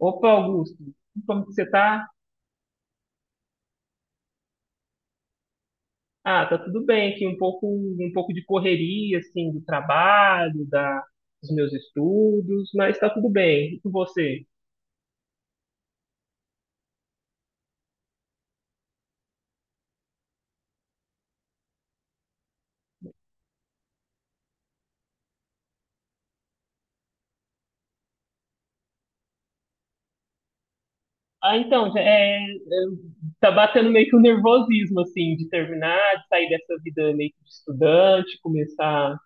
Opa, Augusto, como que você tá? Ah, tá tudo bem aqui, um pouco de correria, assim, do trabalho, da, dos meus estudos, mas tá tudo bem. E com você? Ah, então, já tá batendo meio que o nervosismo, assim, de terminar, de sair dessa vida meio que de estudante, começar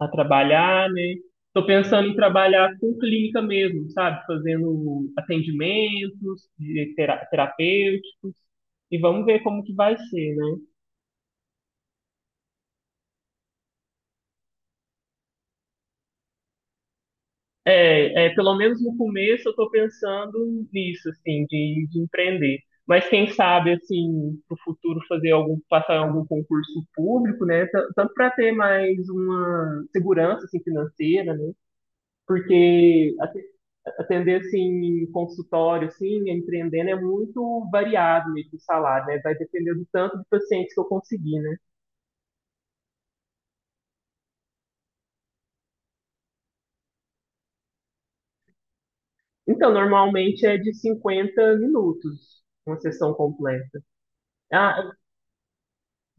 a trabalhar, né? Tô pensando em trabalhar com clínica mesmo, sabe? Fazendo atendimentos de terapêuticos, e vamos ver como que vai ser, né? É, é, pelo menos no começo eu estou pensando nisso, assim, de empreender. Mas quem sabe, assim, para o futuro fazer algum, passar em algum concurso público, né? Tanto para ter mais uma segurança, assim, financeira, né? Porque atender, assim, consultório, assim, empreendendo é muito variado mesmo o salário, né? Vai depender do tanto de pacientes que eu conseguir, né? Então, normalmente é de 50 minutos uma sessão completa. Ah,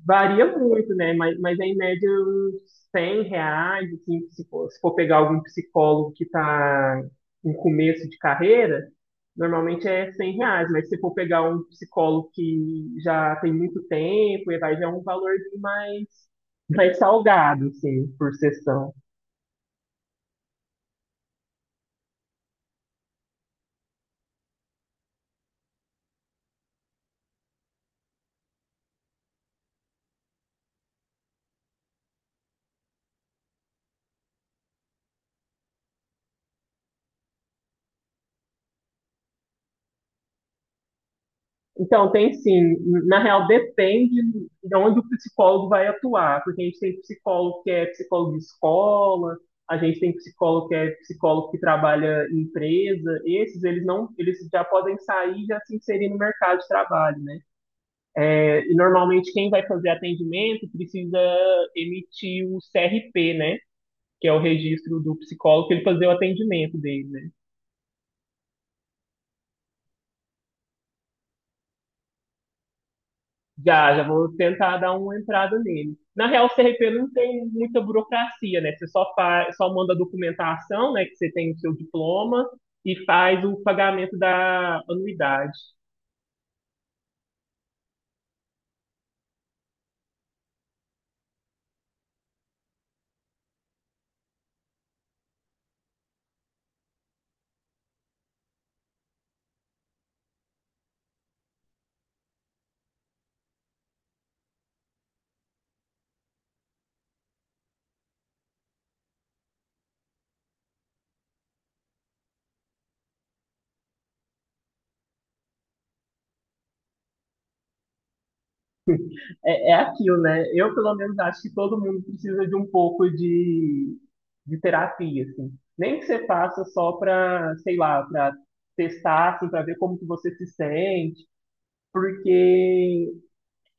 varia muito, né? Mas é em média uns 100 reais, assim, se for, se for pegar algum psicólogo que está em começo de carreira, normalmente é 100 reais, mas se for pegar um psicólogo que já tem muito tempo, e vai já é um valor mais, mais salgado, assim, por sessão. Então, tem sim. Na real, depende de onde o psicólogo vai atuar, porque a gente tem psicólogo que é psicólogo de escola, a gente tem psicólogo que é psicólogo que trabalha em empresa. Esses, eles não, eles já podem sair e já se inserir no mercado de trabalho, né? É, e normalmente quem vai fazer atendimento precisa emitir o CRP, né? Que é o registro do psicólogo que ele fazer o atendimento dele, né? Já, já vou tentar dar uma entrada nele. Na real, o CRP não tem muita burocracia, né? Você só faz, só manda a documentação, né? Que você tem o seu diploma e faz o pagamento da anuidade. É, é aquilo, né? Eu, pelo menos, acho que todo mundo precisa de um pouco de terapia, assim. Nem que você faça só para, sei lá, para testar, assim, para ver como que você se sente, porque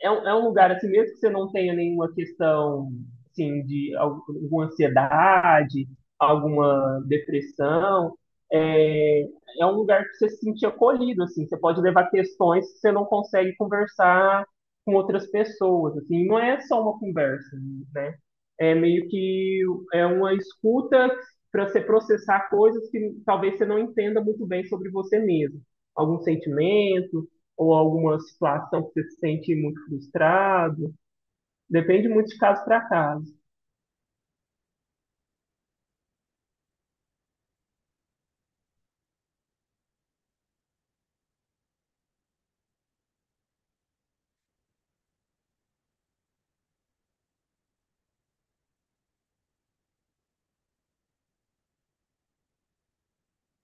é um lugar assim, mesmo que você não tenha nenhuma questão assim, de alguma ansiedade, alguma depressão, é é um lugar que você se sente acolhido, assim, você pode levar questões que você não consegue conversar com outras pessoas, assim, não é só uma conversa, né? É meio que é uma escuta para você processar coisas que talvez você não entenda muito bem sobre você mesmo, algum sentimento, ou alguma situação que você se sente muito frustrado. Depende muito de caso para caso.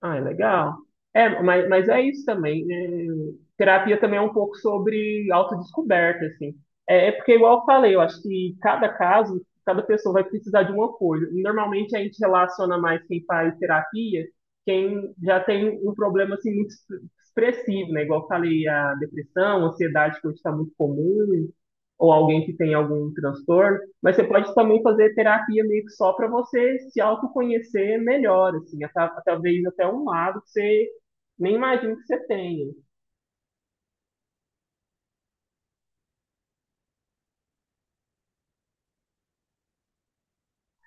Ah, é legal. É, mas é isso também, né? Terapia também é um pouco sobre autodescoberta, assim. É, é porque, igual eu falei, eu acho que cada caso, cada pessoa vai precisar de uma coisa. Normalmente a gente relaciona mais quem faz terapia, quem já tem um problema, assim, muito expressivo, né? Igual eu falei, a depressão, a ansiedade que hoje está muito comum, ou alguém que tem algum transtorno. Mas você pode também fazer terapia meio que só para você se autoconhecer melhor, assim, até, talvez até um lado que você nem imagina que você tenha.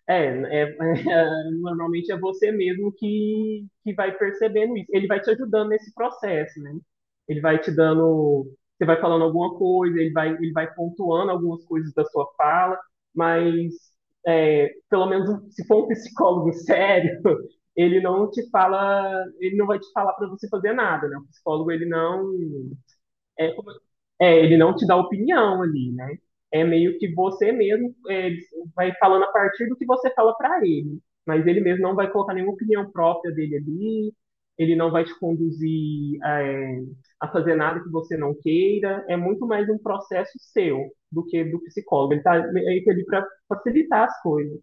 É, é- é, normalmente é você mesmo que vai percebendo isso. Ele vai te ajudando nesse processo, né? Ele vai te dando, você vai falando alguma coisa, ele vai pontuando algumas coisas da sua fala, mas é, pelo menos um, se for um psicólogo sério, ele não te fala, ele não vai te falar para você fazer nada, né? O psicólogo ele não é, é, ele não te dá opinião ali, né? É meio que você mesmo é, vai falando a partir do que você fala pra ele. Mas ele mesmo não vai colocar nenhuma opinião própria dele ali, ele não vai te conduzir é, a fazer nada que você não queira. É muito mais um processo seu do que do psicólogo. Ele tá meio que ali pra facilitar as coisas.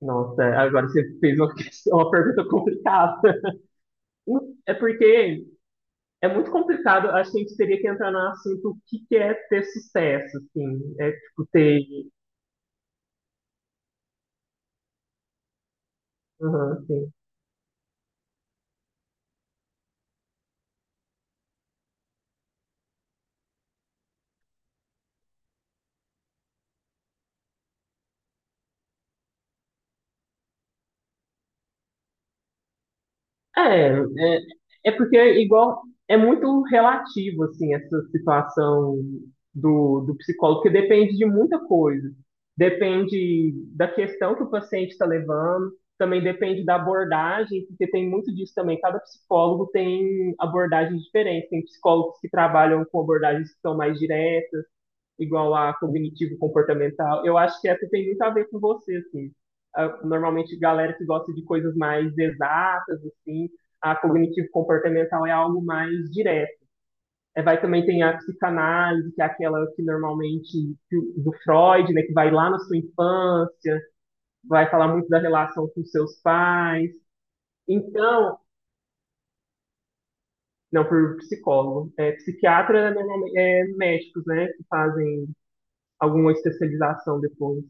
Nossa, agora você fez uma, uma pergunta complicada. É porque é muito complicado, acho que a gente teria que entrar no assunto o que que é ter sucesso, assim, é tipo ter, aham, sim. É, é, é porque é igual é muito relativo assim essa situação do psicólogo, porque depende de muita coisa. Depende da questão que o paciente está levando, também depende da abordagem, porque tem muito disso também. Cada psicólogo tem abordagens diferentes. Tem psicólogos que trabalham com abordagens que são mais diretas, igual a cognitivo comportamental. Eu acho que essa tem muito a ver com você, assim. Ah, normalmente, galera que gosta de coisas mais exatas, assim, a cognitivo comportamental é algo mais direto. É, vai também tem a psicanálise, que é aquela que normalmente que do Freud, né, que vai lá na sua infância, vai falar muito da relação com seus pais. Então, não por psicólogo, é psiquiatra normalmente é médicos, né, que fazem alguma especialização depois.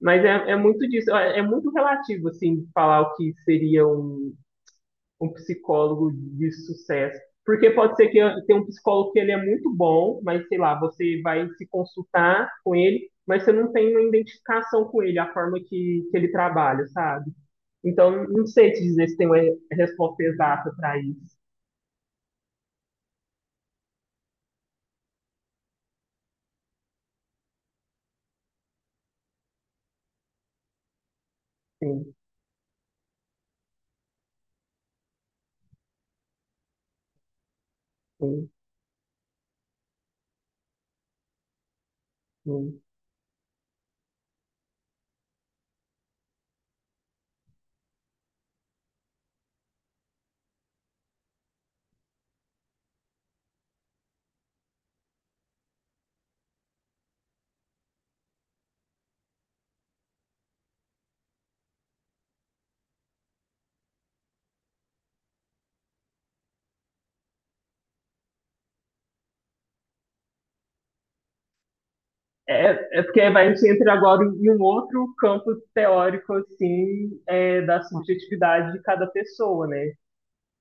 Mas é, é muito disso, é muito relativo, assim, falar o que seria um, um psicólogo de sucesso. Porque pode ser que tenha um psicólogo que ele é muito bom, mas sei lá, você vai se consultar com ele, mas você não tem uma identificação com ele, a forma que ele trabalha, sabe? Então, não sei te dizer se tem uma resposta exata para isso. Sim, sim, sim. É, é porque vai, a gente entra agora em um outro campo teórico, assim, é, da subjetividade de cada pessoa, né?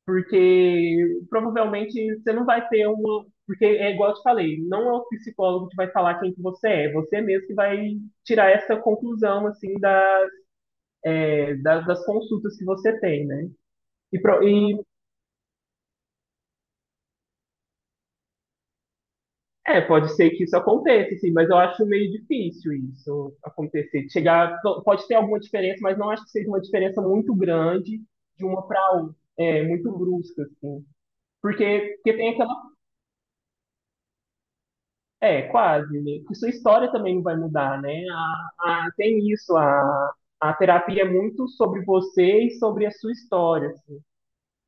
Porque provavelmente você não vai ter uma. Porque é igual eu te falei, não é o psicólogo que vai falar quem que você é, você mesmo que vai tirar essa conclusão, assim, da, é, das consultas que você tem, né? E é, pode ser que isso aconteça, sim, mas eu acho meio difícil isso acontecer. Chegar, pode ter alguma diferença, mas não acho que seja uma diferença muito grande de uma para outra, é, muito brusca, assim. Porque tem aquela. É, quase, né? Porque sua história também não vai mudar, né? Tem isso, a terapia é muito sobre você e sobre a sua história, assim.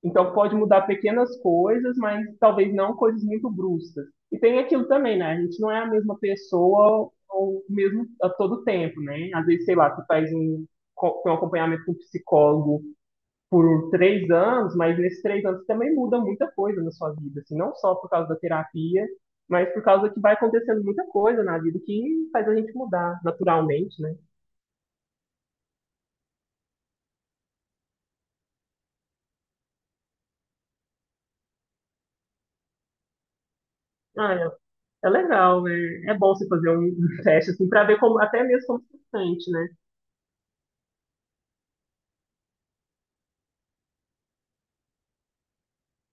Então pode mudar pequenas coisas, mas talvez não coisas muito bruscas. E tem aquilo também, né? A gente não é a mesma pessoa ou mesmo a todo tempo, né? Às vezes, sei lá, tu faz um, um acompanhamento com um psicólogo por um, 3 anos, mas nesses 3 anos também muda muita coisa na sua vida, assim, não só por causa da terapia, mas por causa que vai acontecendo muita coisa na vida que faz a gente mudar naturalmente, né? Ah, é, é legal, é, é bom você fazer um um teste assim para ver como até mesmo como você se sente, né?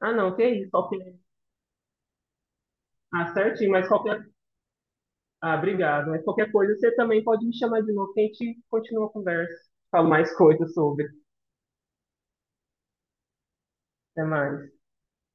Ah, não, que isso. Qualquer... Ah, certinho, mas qualquer. Ah, obrigado. Mas qualquer coisa você também pode me chamar de novo que a gente continua a conversa. Falo mais coisas sobre. Até mais.